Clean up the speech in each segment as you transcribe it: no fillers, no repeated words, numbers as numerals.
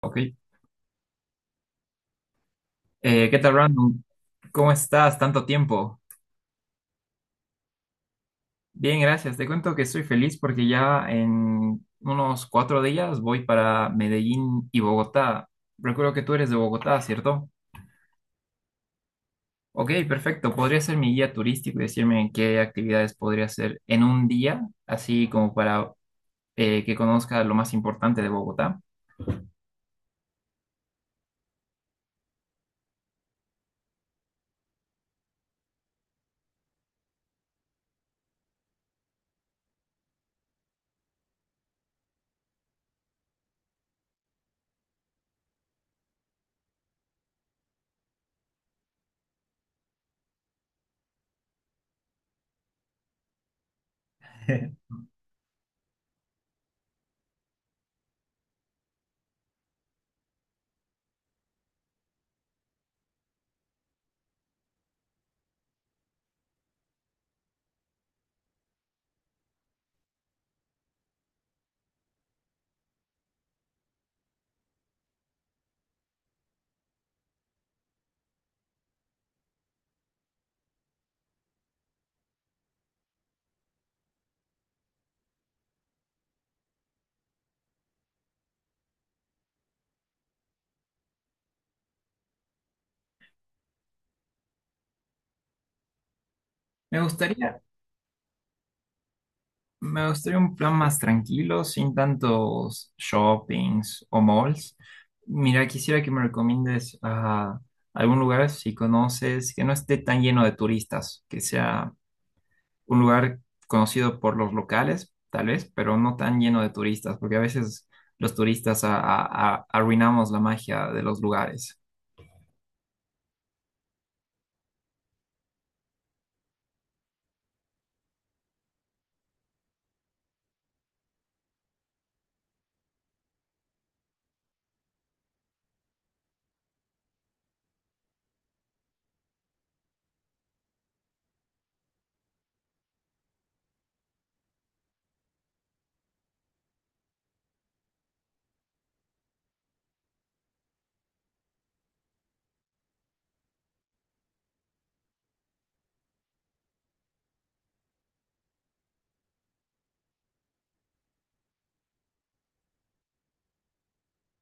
Ok. ¿Qué tal, Brandon? ¿Cómo estás? Tanto tiempo. Bien, gracias. Te cuento que estoy feliz porque ya en unos cuatro días voy para Medellín y Bogotá. Recuerdo que tú eres de Bogotá, ¿cierto? Ok, perfecto. ¿Podría ser mi guía turístico y decirme qué actividades podría hacer en un día, así como para que conozca lo más importante de Bogotá? Me gustaría Me gustaría un plan más tranquilo, sin tantos shoppings o malls. Mira, quisiera que me recomiendes a algún lugar, si conoces, que no esté tan lleno de turistas, que sea un lugar conocido por los locales, tal vez, pero no tan lleno de turistas, porque a veces los turistas arruinamos la magia de los lugares.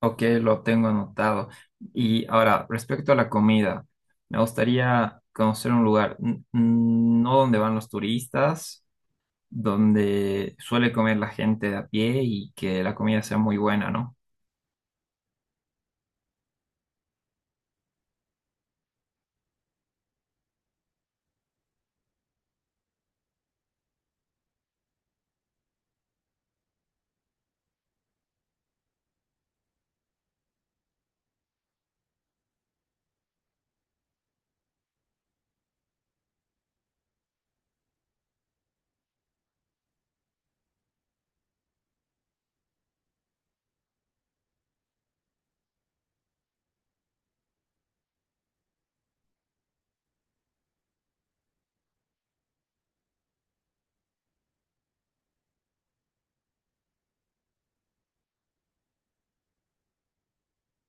Ok, lo tengo anotado. Y ahora, respecto a la comida, me gustaría conocer un lugar, no donde van los turistas, donde suele comer la gente de a pie y que la comida sea muy buena, ¿no?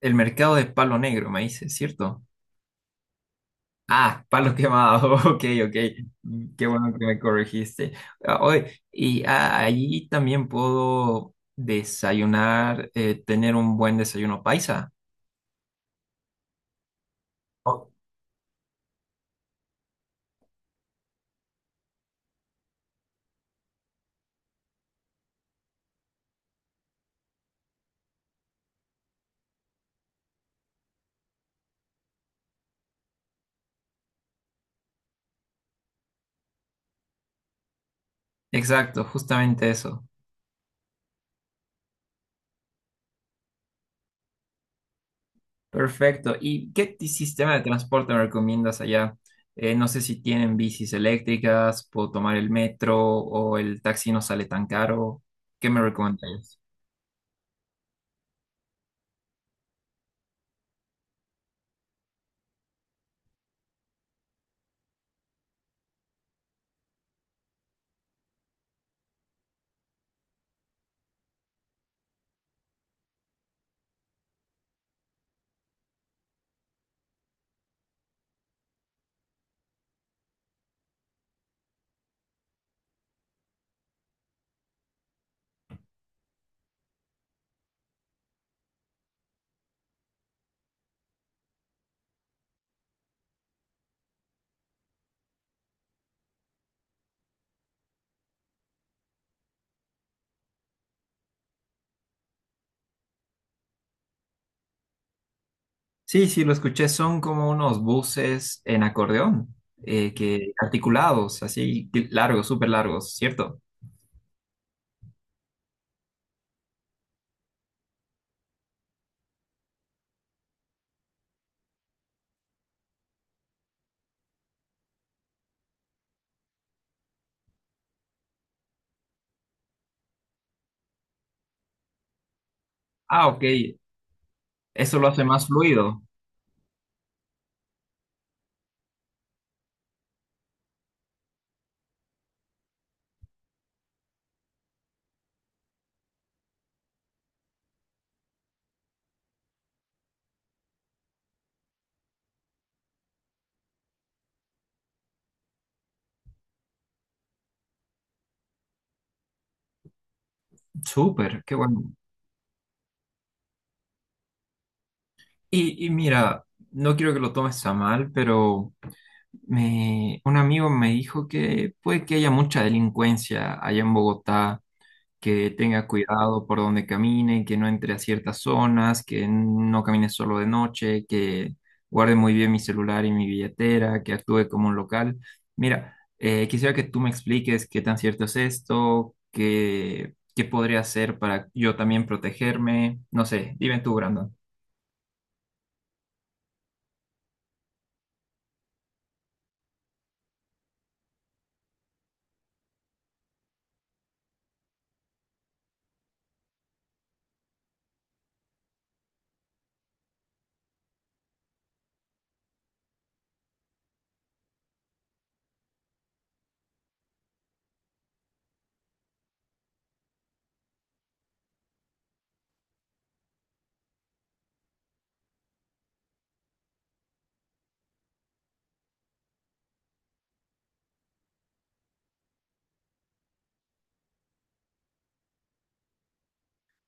El mercado de Palo Negro, me dice, ¿cierto? Ah, Palo Quemado, ok, ok. Qué bueno que me corregiste. Ah, oye, y ah, allí también puedo desayunar, tener un buen desayuno paisa. Oh. Exacto, justamente eso. Perfecto. ¿Y qué sistema de transporte me recomiendas allá? No sé si tienen bicis eléctricas, puedo tomar el metro o el taxi no sale tan caro. ¿Qué me recomendarías? Sí, sí, lo escuché. Son como unos buses en acordeón, que articulados, así que largos, súper largos, ¿cierto? Ah, ok. Eso lo hace más fluido. Súper, qué bueno. Y mira, no quiero que lo tomes a mal, pero me, un amigo me dijo que puede que haya mucha delincuencia allá en Bogotá, que tenga cuidado por donde camine, que no entre a ciertas zonas, que no camine solo de noche, que guarde muy bien mi celular y mi billetera, que actúe como un local. Mira, quisiera que tú me expliques qué tan cierto es esto, qué, qué podría hacer para yo también protegerme. No sé, dime tú, Brandon.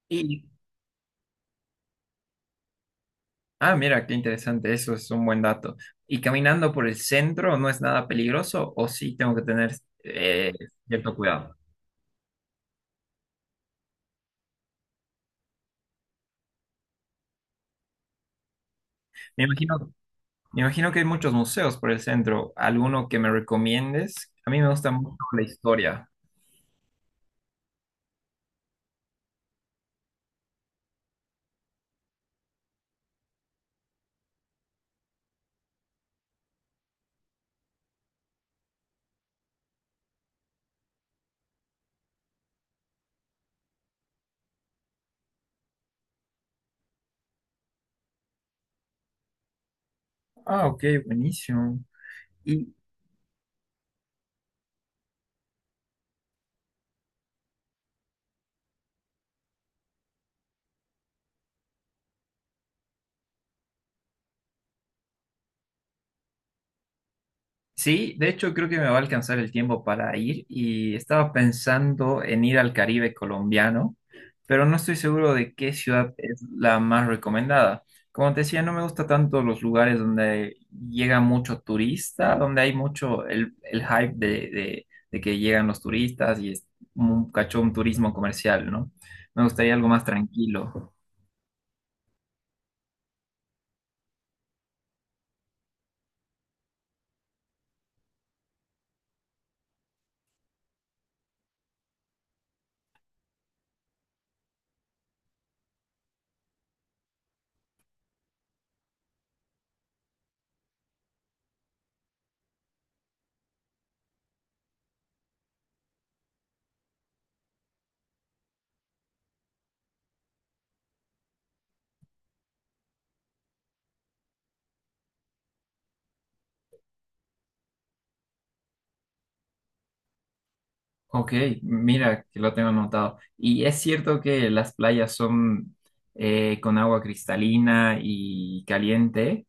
Y, ah, mira, qué interesante, eso es un buen dato. ¿Y caminando por el centro no es nada peligroso o sí tengo que tener eh, cierto cuidado? Me imagino Me imagino que hay muchos museos por el centro. ¿Alguno que me recomiendes? A mí me gusta mucho la historia. Ah, ok, buenísimo. Y, sí, de hecho creo que me va a alcanzar el tiempo para ir y estaba pensando en ir al Caribe colombiano, pero no estoy seguro de qué ciudad es la más recomendada. Como te decía, no me gusta tanto los lugares donde llega mucho turista, donde hay mucho el hype de que llegan los turistas y es un cachón turismo comercial, ¿no? Me gustaría algo más tranquilo. Ok, mira que lo tengo anotado. ¿Y es cierto que las playas son con agua cristalina y caliente?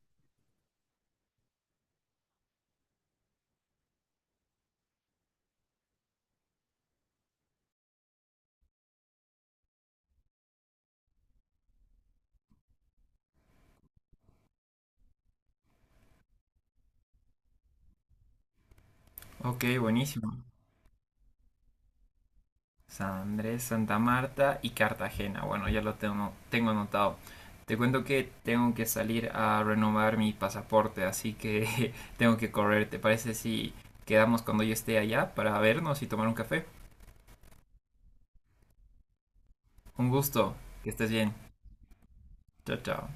Ok, buenísimo. San Andrés, Santa Marta y Cartagena. Bueno, ya lo tengo, tengo anotado. Te cuento que tengo que salir a renovar mi pasaporte, así que tengo que correr. ¿Te parece si quedamos cuando yo esté allá para vernos y tomar un café? Un gusto, que estés bien. Chao, chao.